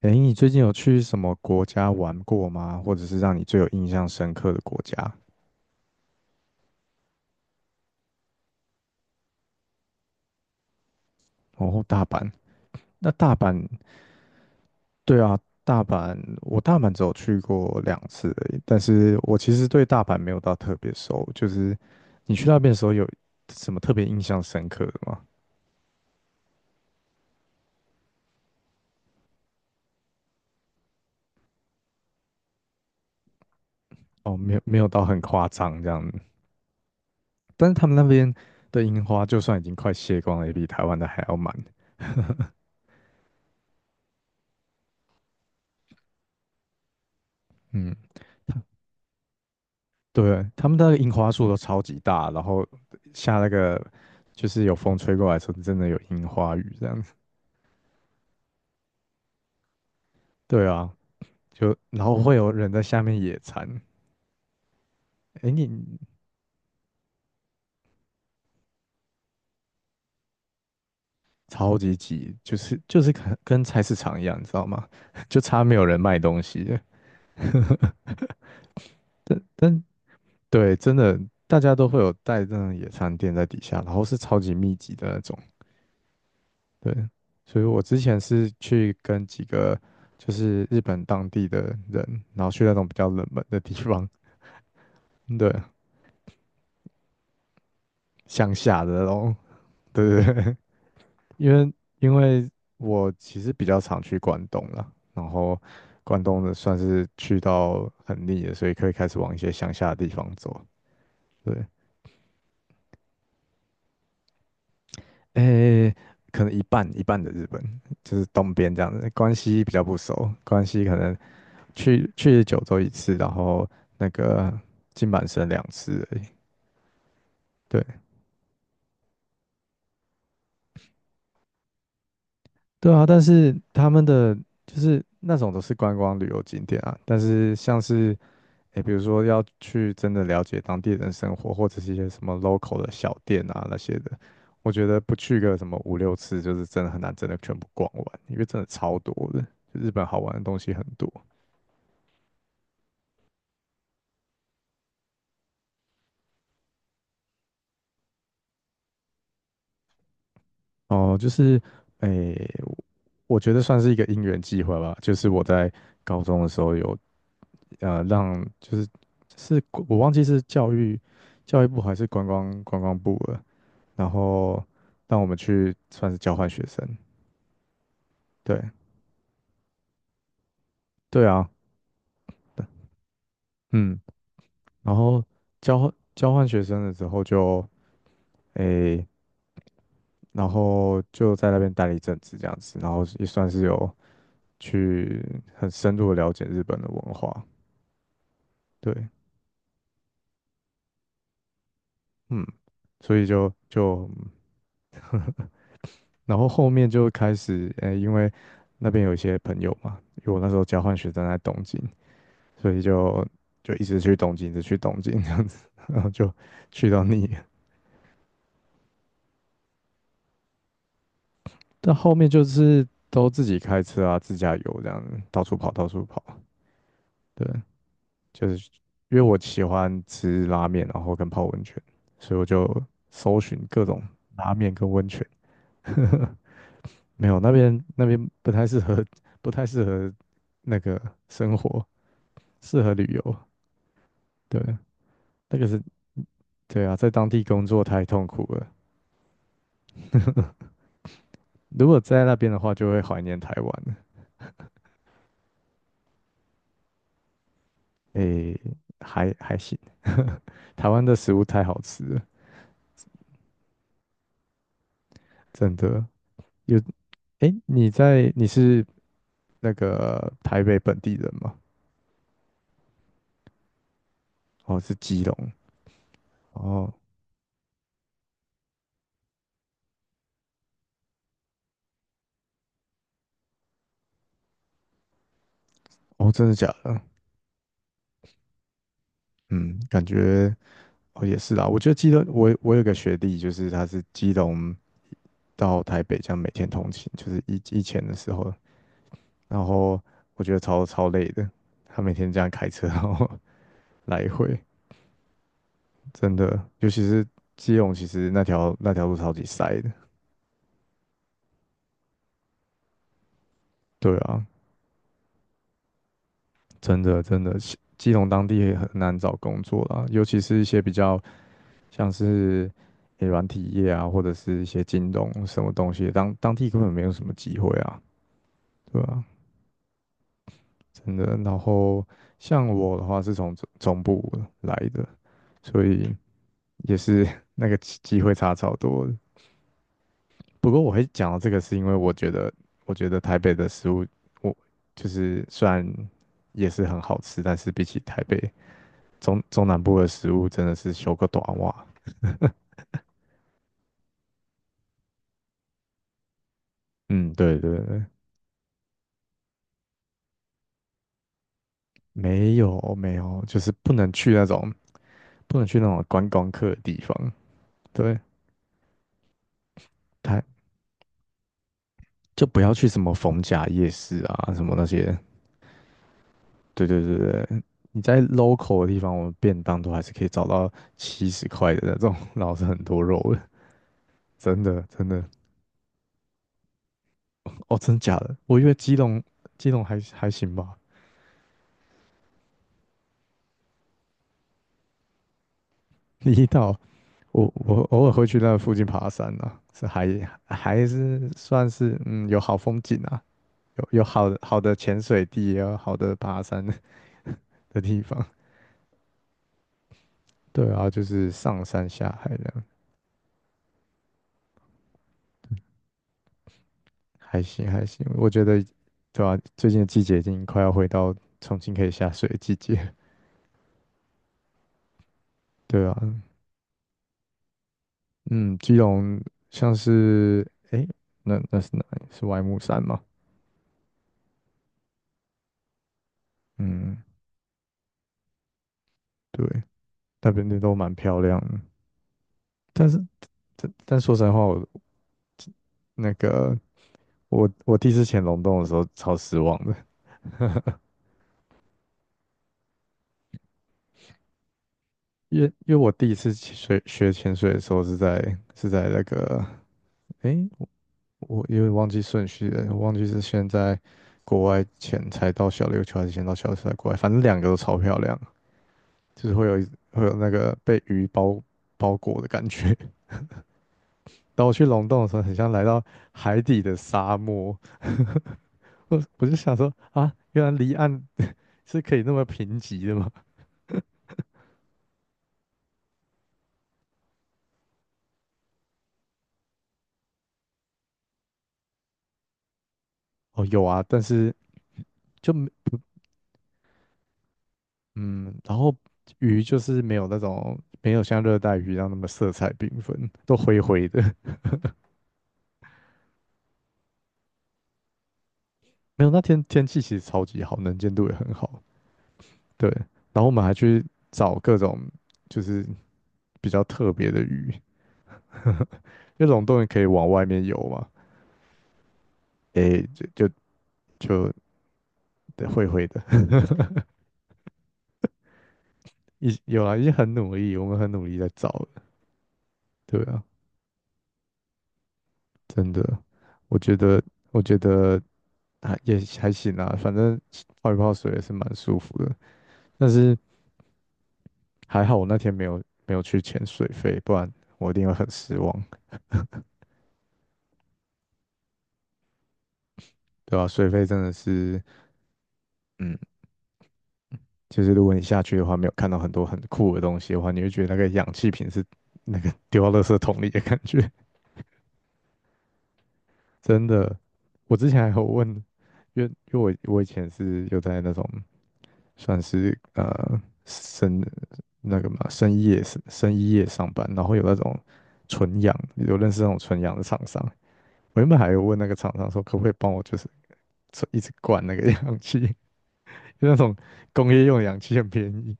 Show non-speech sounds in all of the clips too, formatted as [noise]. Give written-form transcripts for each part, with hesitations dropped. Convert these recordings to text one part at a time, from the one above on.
诶，你最近有去什么国家玩过吗？或者是让你最有印象深刻的国家？哦，大阪。那大阪，对啊，大阪，我大阪只有去过两次而已，但是我其实对大阪没有到特别熟。就是你去那边的时候有什么特别印象深刻的吗？哦，没有，没有到很夸张这样子。但是他们那边的樱花，就算已经快谢光了，也比台湾的还要满。嗯，对，他们的樱花树都超级大，然后下那个就是有风吹过来的时候，真的有樱花雨这样子。对啊，就然后会有人在下面野餐。哎，你超级挤，就是跟菜市场一样，你知道吗？[laughs] 就差没有人卖东西了。[laughs] 但对，真的大家都会有带那种野餐垫在底下，然后是超级密集的那种。对，所以我之前是去跟几个就是日本当地的人，然后去那种比较冷门的地方，[laughs] 对，乡下的那种，对对对，[laughs] 因为因为我其实比较常去关东了，然后关东的算是去到很腻了，所以可以开始往一些乡下的地方走，对，诶，可能一半一半的日本，就是东边这样子，关西比较不熟，关西可能去九州一次，然后那个金板神两次而已。对对啊，但是他们的就是那种都是观光旅游景点啊，但是像是诶，比如说要去真的了解当地人生活，或者是一些什么 local 的小店啊那些的，我觉得不去个什么5、6次，就是真的很难真的全部逛完，因为真的超多的，就日本好玩的东西很多。哦，就是诶，我觉得算是一个因缘际会吧，就是我在高中的时候有呃让就是是我忘记是教育部还是观光部了，然后让我们去算是交换学生，对对啊，嗯，然后交换学生的时候就诶，然后就在那边待了一阵子这样子，然后也算是有去很深入的了解日本的文化，对，嗯，所以就然后后面就开始，因为那边有一些朋友嘛，因为我那时候交换学生在东京，所以就一直去东京，一直去东京这样子，[laughs] 然后就去到腻了。但后面就是都自己开车啊，自驾游这样子，到处跑，到处跑。对，就是因为我喜欢吃拉面，然后跟泡温泉，所以我就搜寻各种拉面跟温泉。[laughs] 没有，那边不太适合，不太适合那个生活。适合旅游，对，那个是，对啊，在当地工作太痛苦了。如果在那边的话，就会怀念台湾了。诶，还行，[laughs] 台湾的食物太好吃了，真的。有，诶，你在，你是那个台北本地人吗？哦，是基隆。哦，哦，真的假的？嗯，感觉哦也是啦。我觉得基隆，我有个学弟，就是他是基隆到台北这样每天通勤，就是以前的时候，然后我觉得超累的，他每天这样开车然后 [laughs] 来回，真的，尤其是基隆，其实那条路超级塞的。对啊，真的真的，基隆当地也很难找工作啦，尤其是一些比较像是诶软体业啊，或者是一些京东什么东西，当地根本没有什么机会啊，对啊，真的。然后像我的话是从中部来的，所以也是 [laughs] 那个机会差超多不过我会讲到这个，是因为我觉得，我觉得台北的食物，我就是虽然也是很好吃，但是比起台北中南部的食物，真的是修个短袜。嗯，对对对，没有没有，就是不能去那种观光客的地方。对，台就不要去什么逢甲夜市啊，什么那些。对对对对，你在 local 的地方，我们便当都还是可以找到70块的那种，然后是很多肉的，真的真的。哦，真假的？我以为基隆还行吧，[laughs] 离岛我偶尔会去那附近爬山啊，是还是算是嗯有好风景啊，有好的潜水地啊，也有好的爬山的 [laughs] 地方。对啊，就是上山下海这样，还行还行。我觉得对啊，最近的季节已经快要回到重新可以下水的季节。对啊，嗯，基隆像是诶，那是哪里？是外木山吗？嗯，对。那边的都蛮漂亮的。但是，但说实在话，我那个我第一次潜龙洞的时候超失望的，[laughs] 因为我第1次去水学潜水的时候是在那个，诶，我有点忘记顺序了，我忘记是先在国外潜才到小琉球，还是先到小琉球再国外，反正两个都超漂亮，就是会有那个被鱼包裹的感觉。[laughs] 当我去龙洞的时候，很像来到海底的沙漠。[laughs] 我就想说啊，原来离岸是可以那么贫瘠的吗？[laughs] 哦，有啊，但是就没嗯，然后鱼就是没有像热带鱼一样那么色彩缤纷，都灰灰的。[laughs] 没有，那天天气其实超级好，能见度也很好。对，然后我们还去找各种就是比较特别的鱼，因为龙洞也可以往外面游嘛。诶，就对灰灰的，[laughs] 已有啊，已经很努力，我们很努力在找了。对啊。真的，我觉得，我觉得还也还行啦，反正泡一泡水也是蛮舒服的。但是还好我那天没有去潜水费，不然我一定会很失望，对吧、水费真的是，嗯，就是如果你下去的话，没有看到很多很酷的东西的话，你会觉得那个氧气瓶是那个丢到垃圾桶里的感觉，[laughs] 真的。我之前还有问，因为我以前是有在那种。算是呃深那个嘛深夜上班，然后有那种有认识那种纯氧的厂商。我原本还有问那个厂商说，可不可以帮我就是一直灌那个 [laughs] 氧气，就那种工业用氧气很便宜。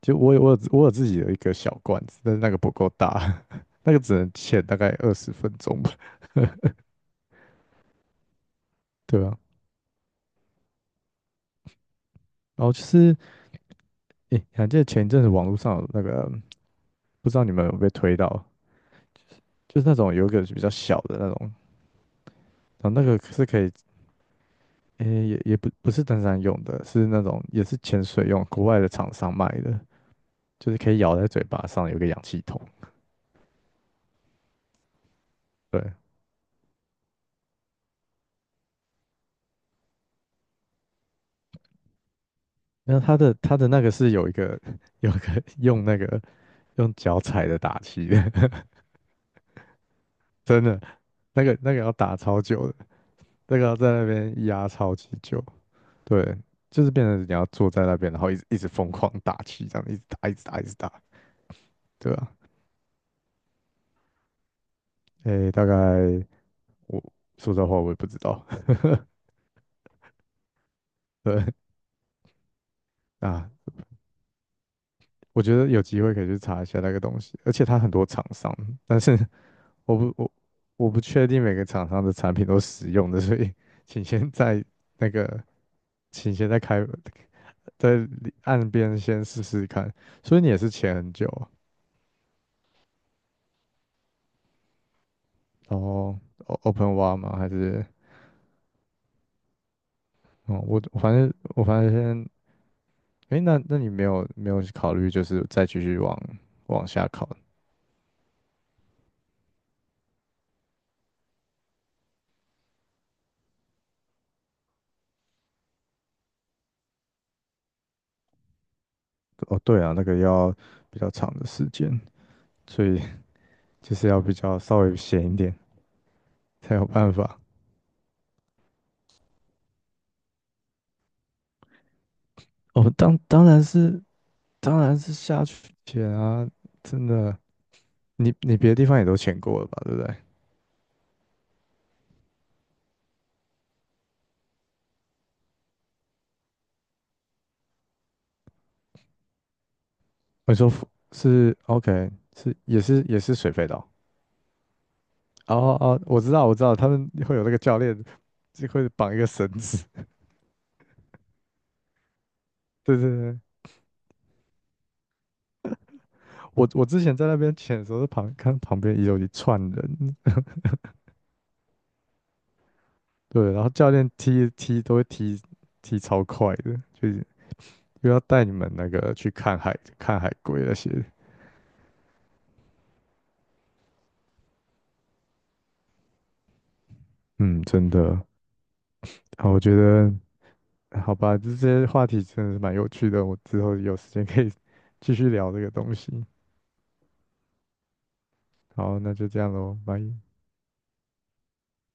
就我有自己的一个小罐子，但是那个不够大，[laughs] 那个只能潜大概20分钟吧，[laughs] 对啊。然后就是，诶，你还记得前一阵子网络上有那个，不知道你们有没有被推到，就是那种有一个比较小的那种。然后那个是可以，诶、不是登山用的，是那种也是潜水用，国外的厂商卖的，就是可以咬在嘴巴上，有个氧气筒。对，那它的那个是有一个 [laughs] 有一个 [laughs] 用那个用脚踩的打气的，[laughs] 真的，那个要打超久的，那个要在那边压超级久。对，就是变成你要坐在那边，然后一直疯狂打气，这样一直打，一直打，一直打，对吧、诶、大概我说实话我也不知道，[laughs] 对。啊，我觉得有机会可以去查一下那个东西，而且它很多厂商，但是我不我我不确定每个厂商的产品都使用的，所以 [laughs] 请先在那个，请先在开在里岸边先试试看。所以你也是潜很久啊，然后 p e n w a e 吗？还是哦，我反正先，诶，那你没有考虑就是再继续往下考？哦，对啊，那个要比较长的时间，所以 [laughs] 就是要比较稍微闲一点。才有办法。哦，当然是下去潜啊，真的，你别的地方也都潜过了吧，对不对？我说浮是 OK，是也是水肺岛。哦哦，我知道我知道，他们会有那个教练就会绑一个绳子。[laughs] 对对对，我之前在那边潜的时候，旁边也有一串人，对，然后教练踢都会踢超快的，就是又要带你们那个去看海看海龟那些。嗯，真的。好，我觉得好吧，这些话题真的是蛮有趣的，我之后有时间可以 [laughs] 继续聊这个东西。好，那就这样喽，拜。